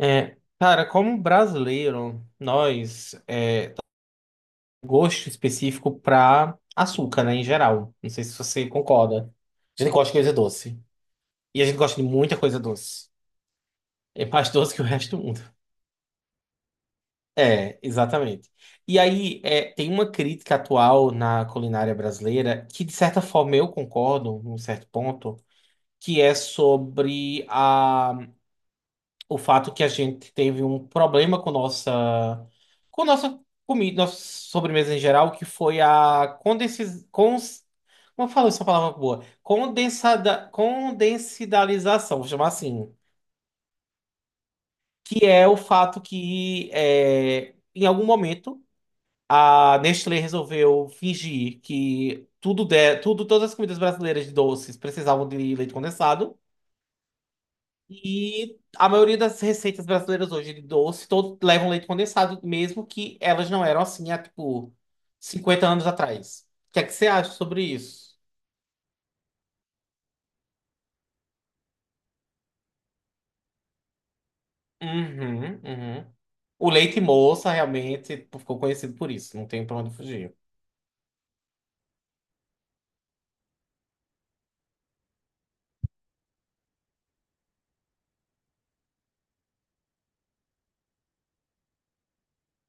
É, cara, como brasileiro, nós é gosto específico pra açúcar, né, em geral. Não sei se você concorda. A gente gosta de coisa doce. E a gente gosta de muita coisa doce. É mais doce que o resto do mundo. É, exatamente. E aí, tem uma crítica atual na culinária brasileira que, de certa forma, eu concordo, num certo ponto, que é sobre a o fato que a gente teve um problema com nossa com nossa comida, nossa sobremesa em geral, que foi a condensi cons como eu falo essa palavra boa? Condensada Condensidalização, vou chamar assim, que é o fato que em algum momento a Nestlé resolveu fingir que tudo de, tudo todas as comidas brasileiras de doces precisavam de leite condensado. E a maioria das receitas brasileiras hoje de doce, todos levam leite condensado, mesmo que elas não eram assim há, tipo, 50 anos atrás. O que é que você acha sobre isso? Uhum, uhum. O leite moça realmente tipo, ficou conhecido por isso, não tem pra onde fugir.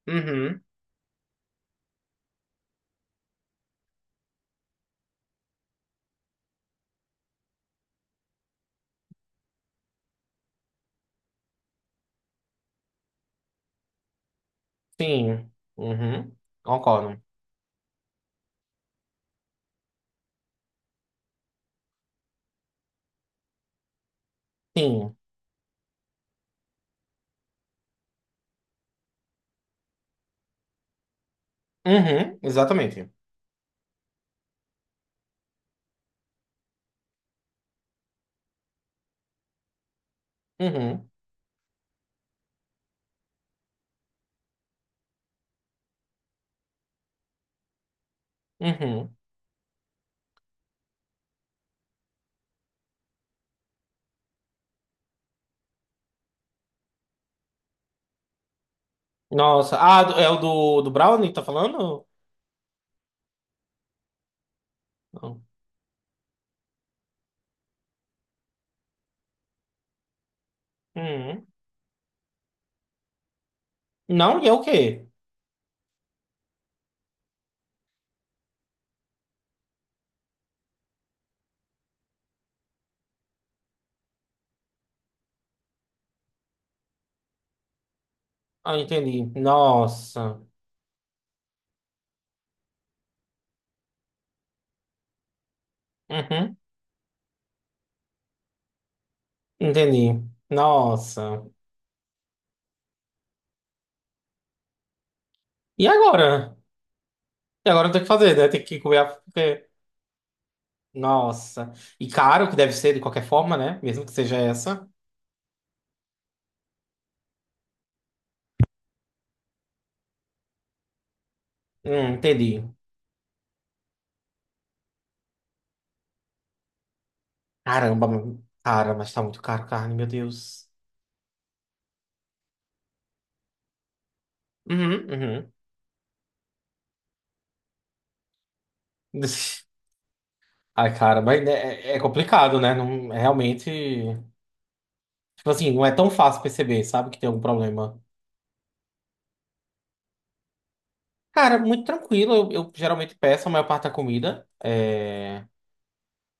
Uhum, sim. Uhum, concordo. Sim. Uhum, exatamente. Uhum, uhum. Nossa, ah, é o do Brownie, tá falando? Não. Uhum. Não, e é o quê? Ah, entendi. Nossa. Uhum. Entendi. Nossa. E agora? E agora tem que fazer, né? Tem que comer a. Nossa. E caro que deve ser de qualquer forma, né? Mesmo que seja essa. Entendi. Caramba, mano. Cara, mas tá muito caro carne, meu Deus. Uhum, uhum. Ai, cara, mas né, é complicado, né? Não, é realmente. Tipo assim, não é tão fácil perceber, sabe, que tem algum problema. Cara, muito tranquilo. Eu geralmente peço a maior parte da comida. É.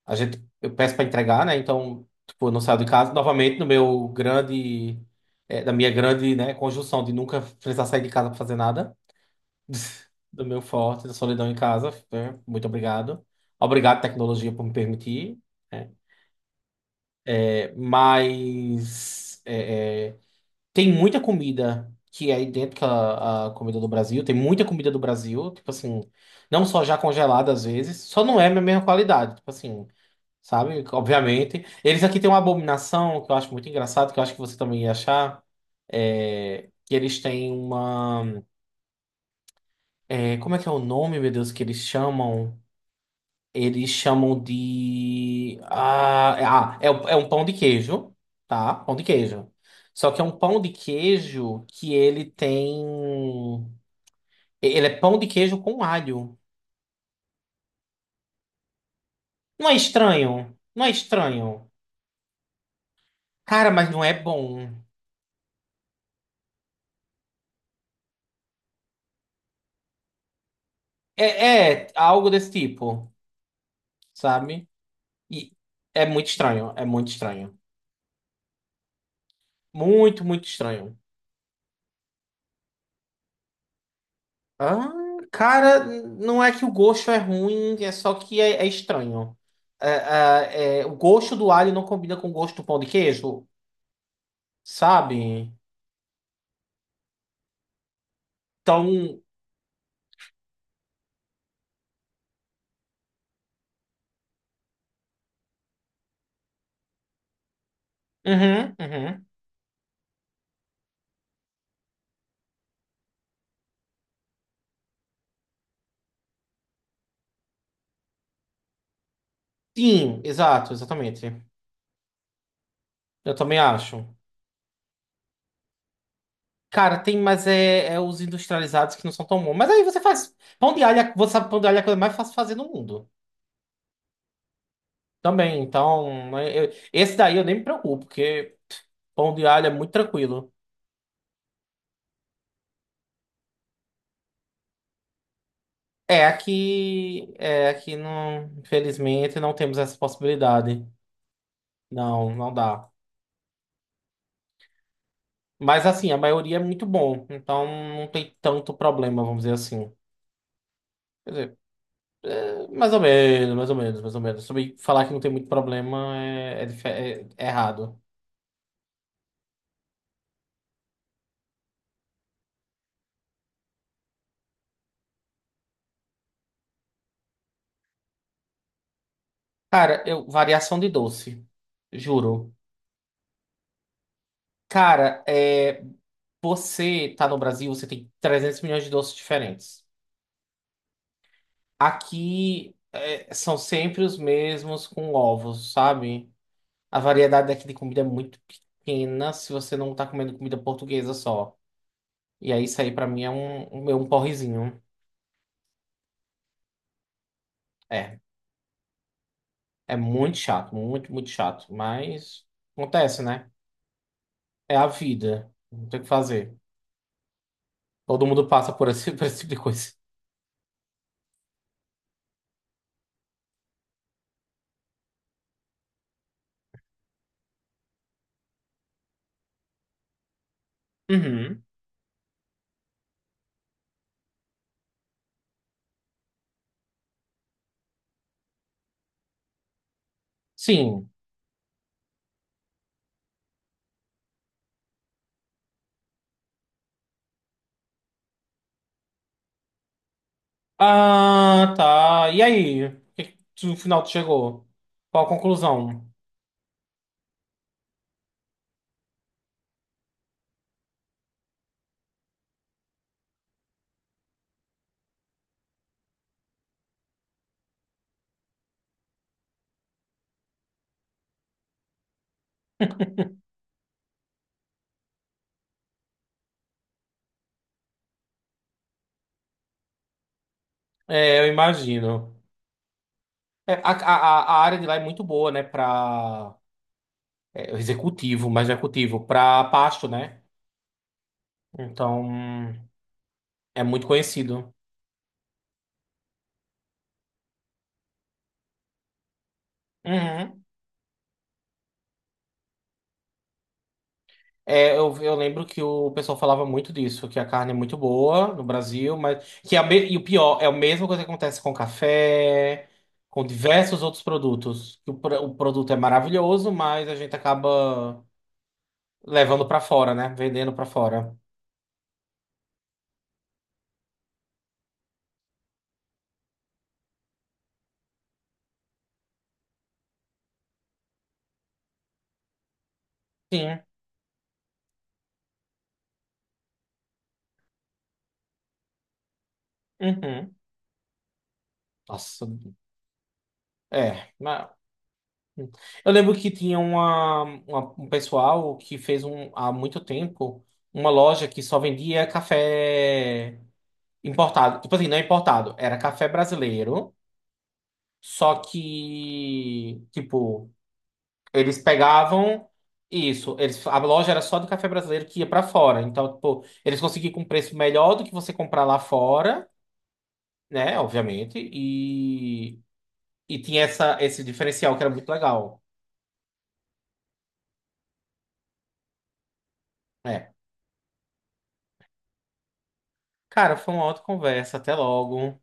Eu peço para entregar, né? Então, tipo, eu não saio de casa. Novamente, no meu grande, é, da minha grande, né, conjunção de nunca precisar sair de casa para fazer nada, do meu forte, da solidão em casa, né? Muito obrigado. Obrigado, tecnologia, por me permitir, né? É, mas tem muita comida que é idêntica à comida do Brasil. Tem muita comida do Brasil, tipo assim, não só já congelada às vezes, só não é a mesma qualidade. Tipo assim, sabe? Obviamente. Eles aqui têm uma abominação que eu acho muito engraçado, que eu acho que você também ia achar. Que eles têm uma. Como é que é o nome, meu Deus, que eles chamam? Eles chamam de. Ah, é um pão de queijo, tá? Pão de queijo. Só que é um pão de queijo que ele tem. Ele é pão de queijo com alho. Não é estranho? Não é estranho. Cara, mas não é bom. É, é algo desse tipo, sabe? E é muito estranho, é muito estranho. Muito, muito estranho. Ah, cara, não é que o gosto é ruim, é só que é estranho. É, É, o gosto do alho não combina com o gosto do pão de queijo, sabe? Então, uhum, uhum. Sim, exato, exatamente. Eu também acho. Cara, tem, mas é os industrializados que não são tão bons. Mas aí você faz pão de alho, você sabe que pão de alho é a coisa mais fácil de fazer no mundo. Também, então, né, esse daí eu nem me preocupo, porque pão de alho é muito tranquilo. Aqui não, infelizmente não temos essa possibilidade. Não, não dá. Mas assim, a maioria é muito bom, então não tem tanto problema, vamos dizer assim. Quer dizer, mais ou menos, mais ou menos, mais ou menos. Sobre falar que não tem muito problema é errado. Cara, variação de doce, juro. Cara, você tá no Brasil, você tem 300 milhões de doces diferentes. Aqui são sempre os mesmos com ovos, sabe? A variedade daqui de comida é muito pequena se você não tá comendo comida portuguesa só. E aí isso aí pra mim é um, um porrezinho. É, é muito chato, muito, muito chato. Mas acontece, né? É a vida. Não tem o que fazer. Todo mundo passa por esse, por esse tipo de coisa. Uhum. Sim. Ah, tá. E aí? O que que no final tu chegou? Qual a conclusão? É, eu imagino. É, a área de lá é muito boa, né, para executivo, mas executivo, para pasto, né? Então, é muito conhecido. Uhum. É, eu lembro que o pessoal falava muito disso, que a carne é muito boa no Brasil, mas que é e o pior, é a mesma coisa que acontece com café, com diversos outros produtos. Que o produto é maravilhoso, mas a gente acaba levando para fora, né? Vendendo para fora. Sim. Uhum. Nossa, é. Eu lembro que tinha uma, um pessoal que fez um, há muito tempo uma loja que só vendia café importado. Tipo assim, não é importado, era café brasileiro. Só que, tipo, eles pegavam isso. A loja era só do café brasileiro que ia pra fora. Então, tipo, eles conseguiam com um preço melhor do que você comprar lá fora, né? Obviamente. E tinha esse diferencial que era muito legal. É. Cara, foi uma outra conversa. Até logo.